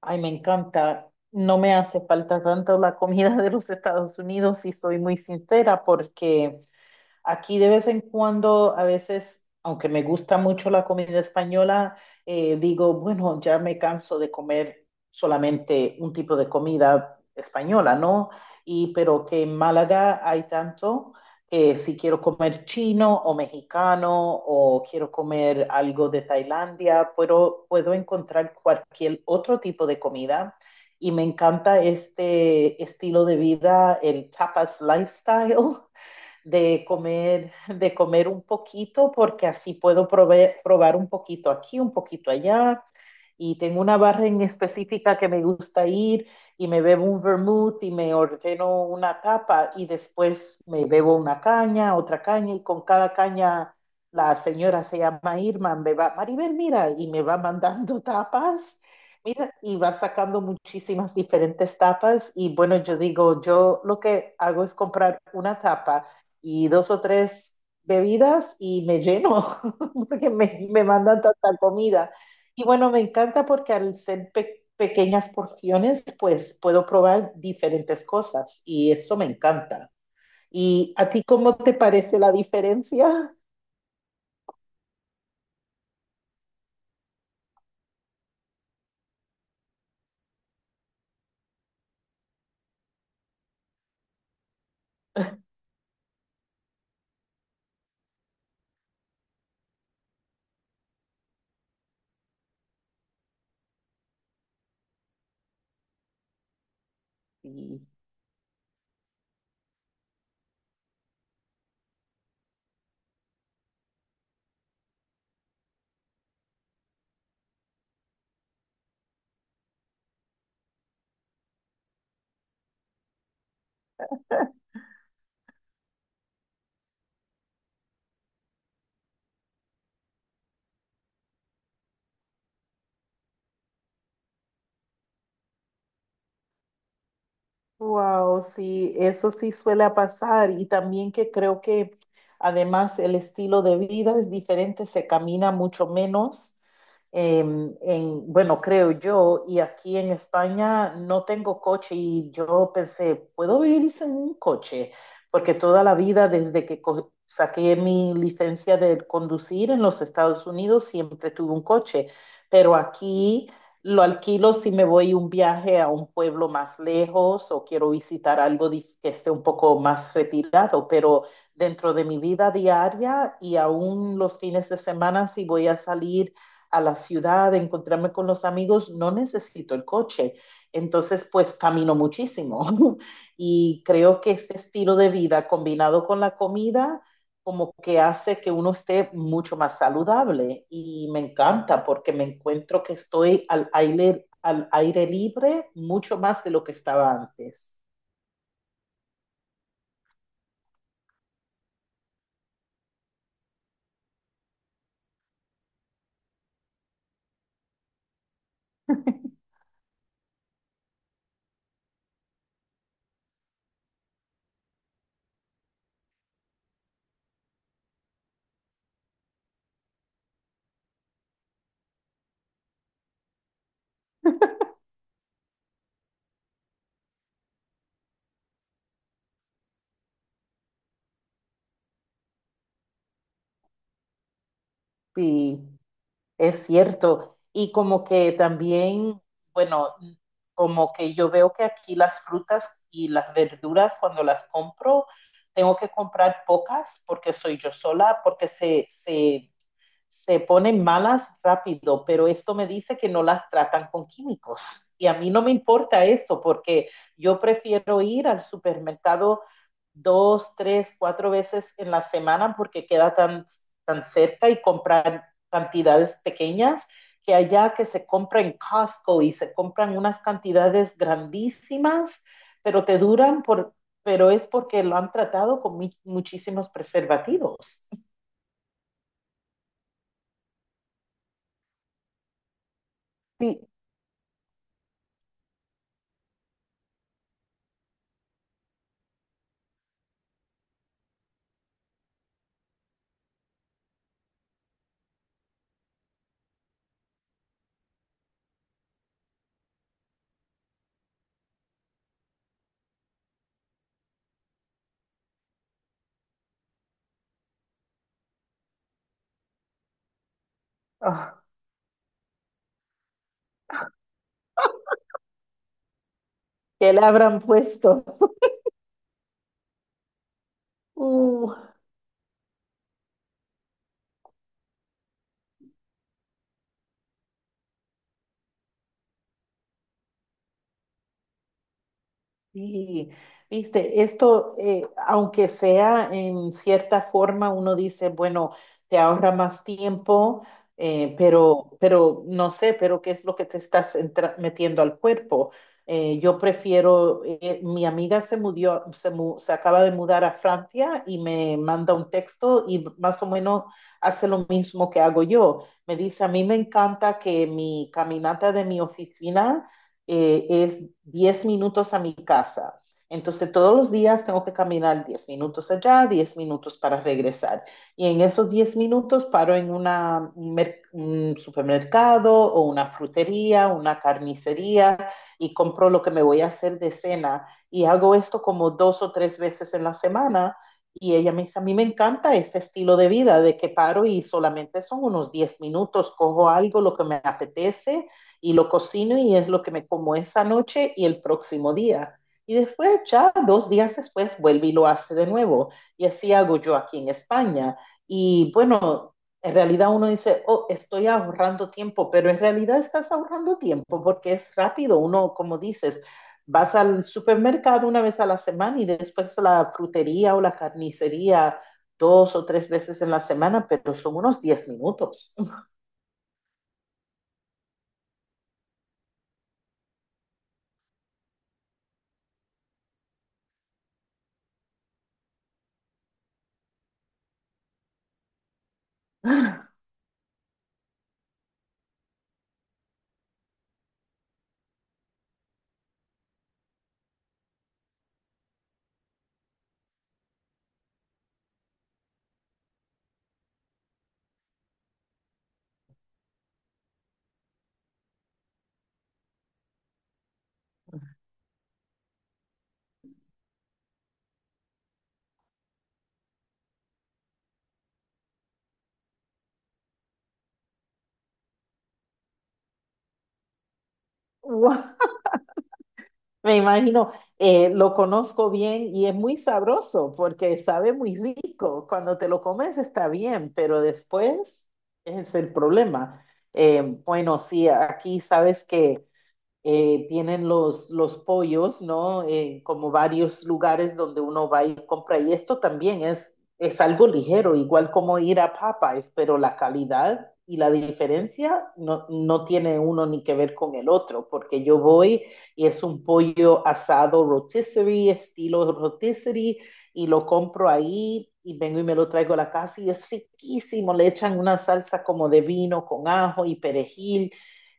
Ay, me encanta. No me hace falta tanto la comida de los Estados Unidos, si soy muy sincera, porque aquí de vez en cuando, a veces, aunque me gusta mucho la comida española, digo, bueno, ya me canso de comer solamente un tipo de comida española, ¿no? Y pero que en Málaga hay tanto que si quiero comer chino o mexicano o quiero comer algo de Tailandia, puedo encontrar cualquier otro tipo de comida. Y me encanta este estilo de vida, el tapas lifestyle. De comer, de comer un poquito, porque así puedo probar un poquito aquí, un poquito allá. Y tengo una barra en específica que me gusta ir y me bebo un vermouth y me ordeno una tapa y después me bebo una caña, otra caña y con cada caña la señora se llama Irma, me va, Maribel, mira, y me va mandando tapas, mira, y va sacando muchísimas diferentes tapas y bueno, yo digo, yo lo que hago es comprar una tapa y dos o tres bebidas y me lleno, porque me mandan tanta comida. Y bueno, me encanta porque al ser pequeñas porciones, pues puedo probar diferentes cosas y esto me encanta. ¿Y a ti cómo te parece la diferencia? Sí. Wow, sí, eso sí suele pasar y también que creo que además el estilo de vida es diferente, se camina mucho menos, eh, en, bueno, creo yo, y aquí en España no tengo coche y yo pensé, ¿puedo vivir sin un coche? Porque toda la vida, desde que saqué mi licencia de conducir en los Estados Unidos, siempre tuve un coche, pero aquí lo alquilo si me voy un viaje a un pueblo más lejos o quiero visitar algo que esté un poco más retirado, pero dentro de mi vida diaria y aún los fines de semana, si voy a salir a la ciudad, de encontrarme con los amigos, no necesito el coche. Entonces, pues camino muchísimo. Y creo que este estilo de vida combinado con la comida, como que hace que uno esté mucho más saludable. Y me encanta porque me encuentro que estoy al aire libre mucho más de lo que estaba antes. Y es cierto. Y como que también, bueno, como que yo veo que aquí las frutas y las verduras, cuando las compro, tengo que comprar pocas porque soy yo sola, porque se se ponen malas rápido, pero esto me dice que no las tratan con químicos. Y a mí no me importa esto porque yo prefiero ir al supermercado dos, tres, cuatro veces en la semana porque queda tan, tan cerca y comprar cantidades pequeñas que allá que se compra en Costco y se compran unas cantidades grandísimas, pero te duran por, pero es porque lo han tratado con muchísimos preservativos. Sí, oh, que le habrán puesto. Uh, y, viste, esto, aunque sea en cierta forma, uno dice, bueno, te ahorra más tiempo, pero no sé, pero qué es lo que te estás metiendo al cuerpo. Yo prefiero, mi amiga se mudó, se acaba de mudar a Francia y me manda un texto y más o menos hace lo mismo que hago yo. Me dice, a mí me encanta que mi caminata de mi oficina es 10 minutos a mi casa. Entonces todos los días tengo que caminar 10 minutos allá, 10 minutos para regresar. Y en esos 10 minutos paro en un supermercado o una frutería, una carnicería y compro lo que me voy a hacer de cena. Y hago esto como dos o tres veces en la semana. Y ella me dice, a mí me encanta este estilo de vida, de que paro y solamente son unos 10 minutos, cojo algo, lo que me apetece y lo cocino y es lo que me como esa noche y el próximo día. Y después, ya dos días después, vuelve y lo hace de nuevo. Y así hago yo aquí en España. Y bueno, en realidad uno dice, oh, estoy ahorrando tiempo, pero en realidad estás ahorrando tiempo porque es rápido. Uno, como dices, vas al supermercado una vez a la semana y después a la frutería o la carnicería dos o tres veces en la semana, pero son unos 10 minutos. Wow. Me imagino, lo conozco bien y es muy sabroso porque sabe muy rico. Cuando te lo comes está bien, pero después es el problema. Bueno, sí, aquí sabes que tienen los pollos, ¿no? Como varios lugares donde uno va y compra. Y esto también es algo ligero, igual como ir a Popeyes, pero la calidad y la diferencia no, no tiene uno ni que ver con el otro, porque yo voy y es un pollo asado rotisserie, estilo rotisserie, y lo compro ahí y vengo y me lo traigo a la casa y es riquísimo, le echan una salsa como de vino con ajo y perejil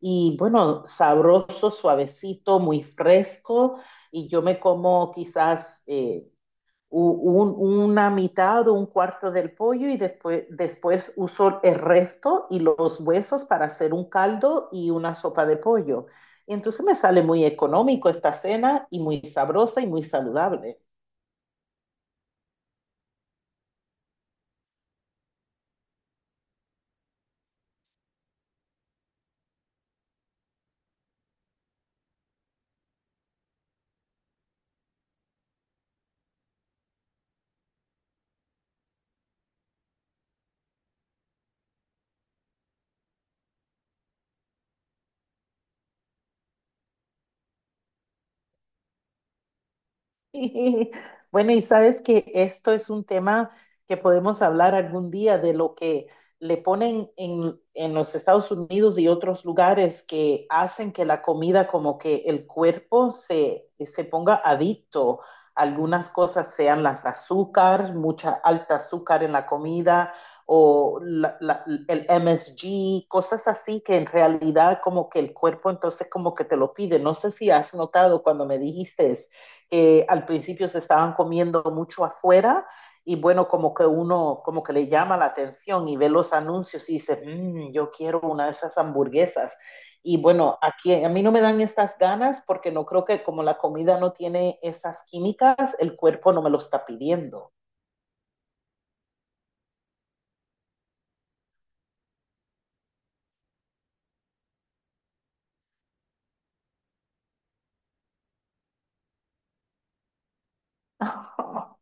y bueno, sabroso, suavecito, muy fresco y yo me como quizás una mitad o un cuarto del pollo y después, después uso el resto y los huesos para hacer un caldo y una sopa de pollo. Y entonces me sale muy económico esta cena y muy sabrosa y muy saludable. Sí. Bueno, y sabes que esto es un tema que podemos hablar algún día de lo que le ponen en los Estados Unidos y otros lugares que hacen que la comida, como que el cuerpo se, se ponga adicto. Algunas cosas sean las azúcar, mucha alta azúcar en la comida o el MSG, cosas así que en realidad como que el cuerpo entonces como que te lo pide. No sé si has notado cuando me dijiste al principio se estaban comiendo mucho afuera y bueno, como que uno, como que le llama la atención y ve los anuncios y dice, mmm, yo quiero una de esas hamburguesas. Y bueno, aquí a mí no me dan estas ganas porque no creo que como la comida no tiene esas químicas, el cuerpo no me lo está pidiendo.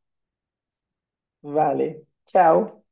Vale, chao.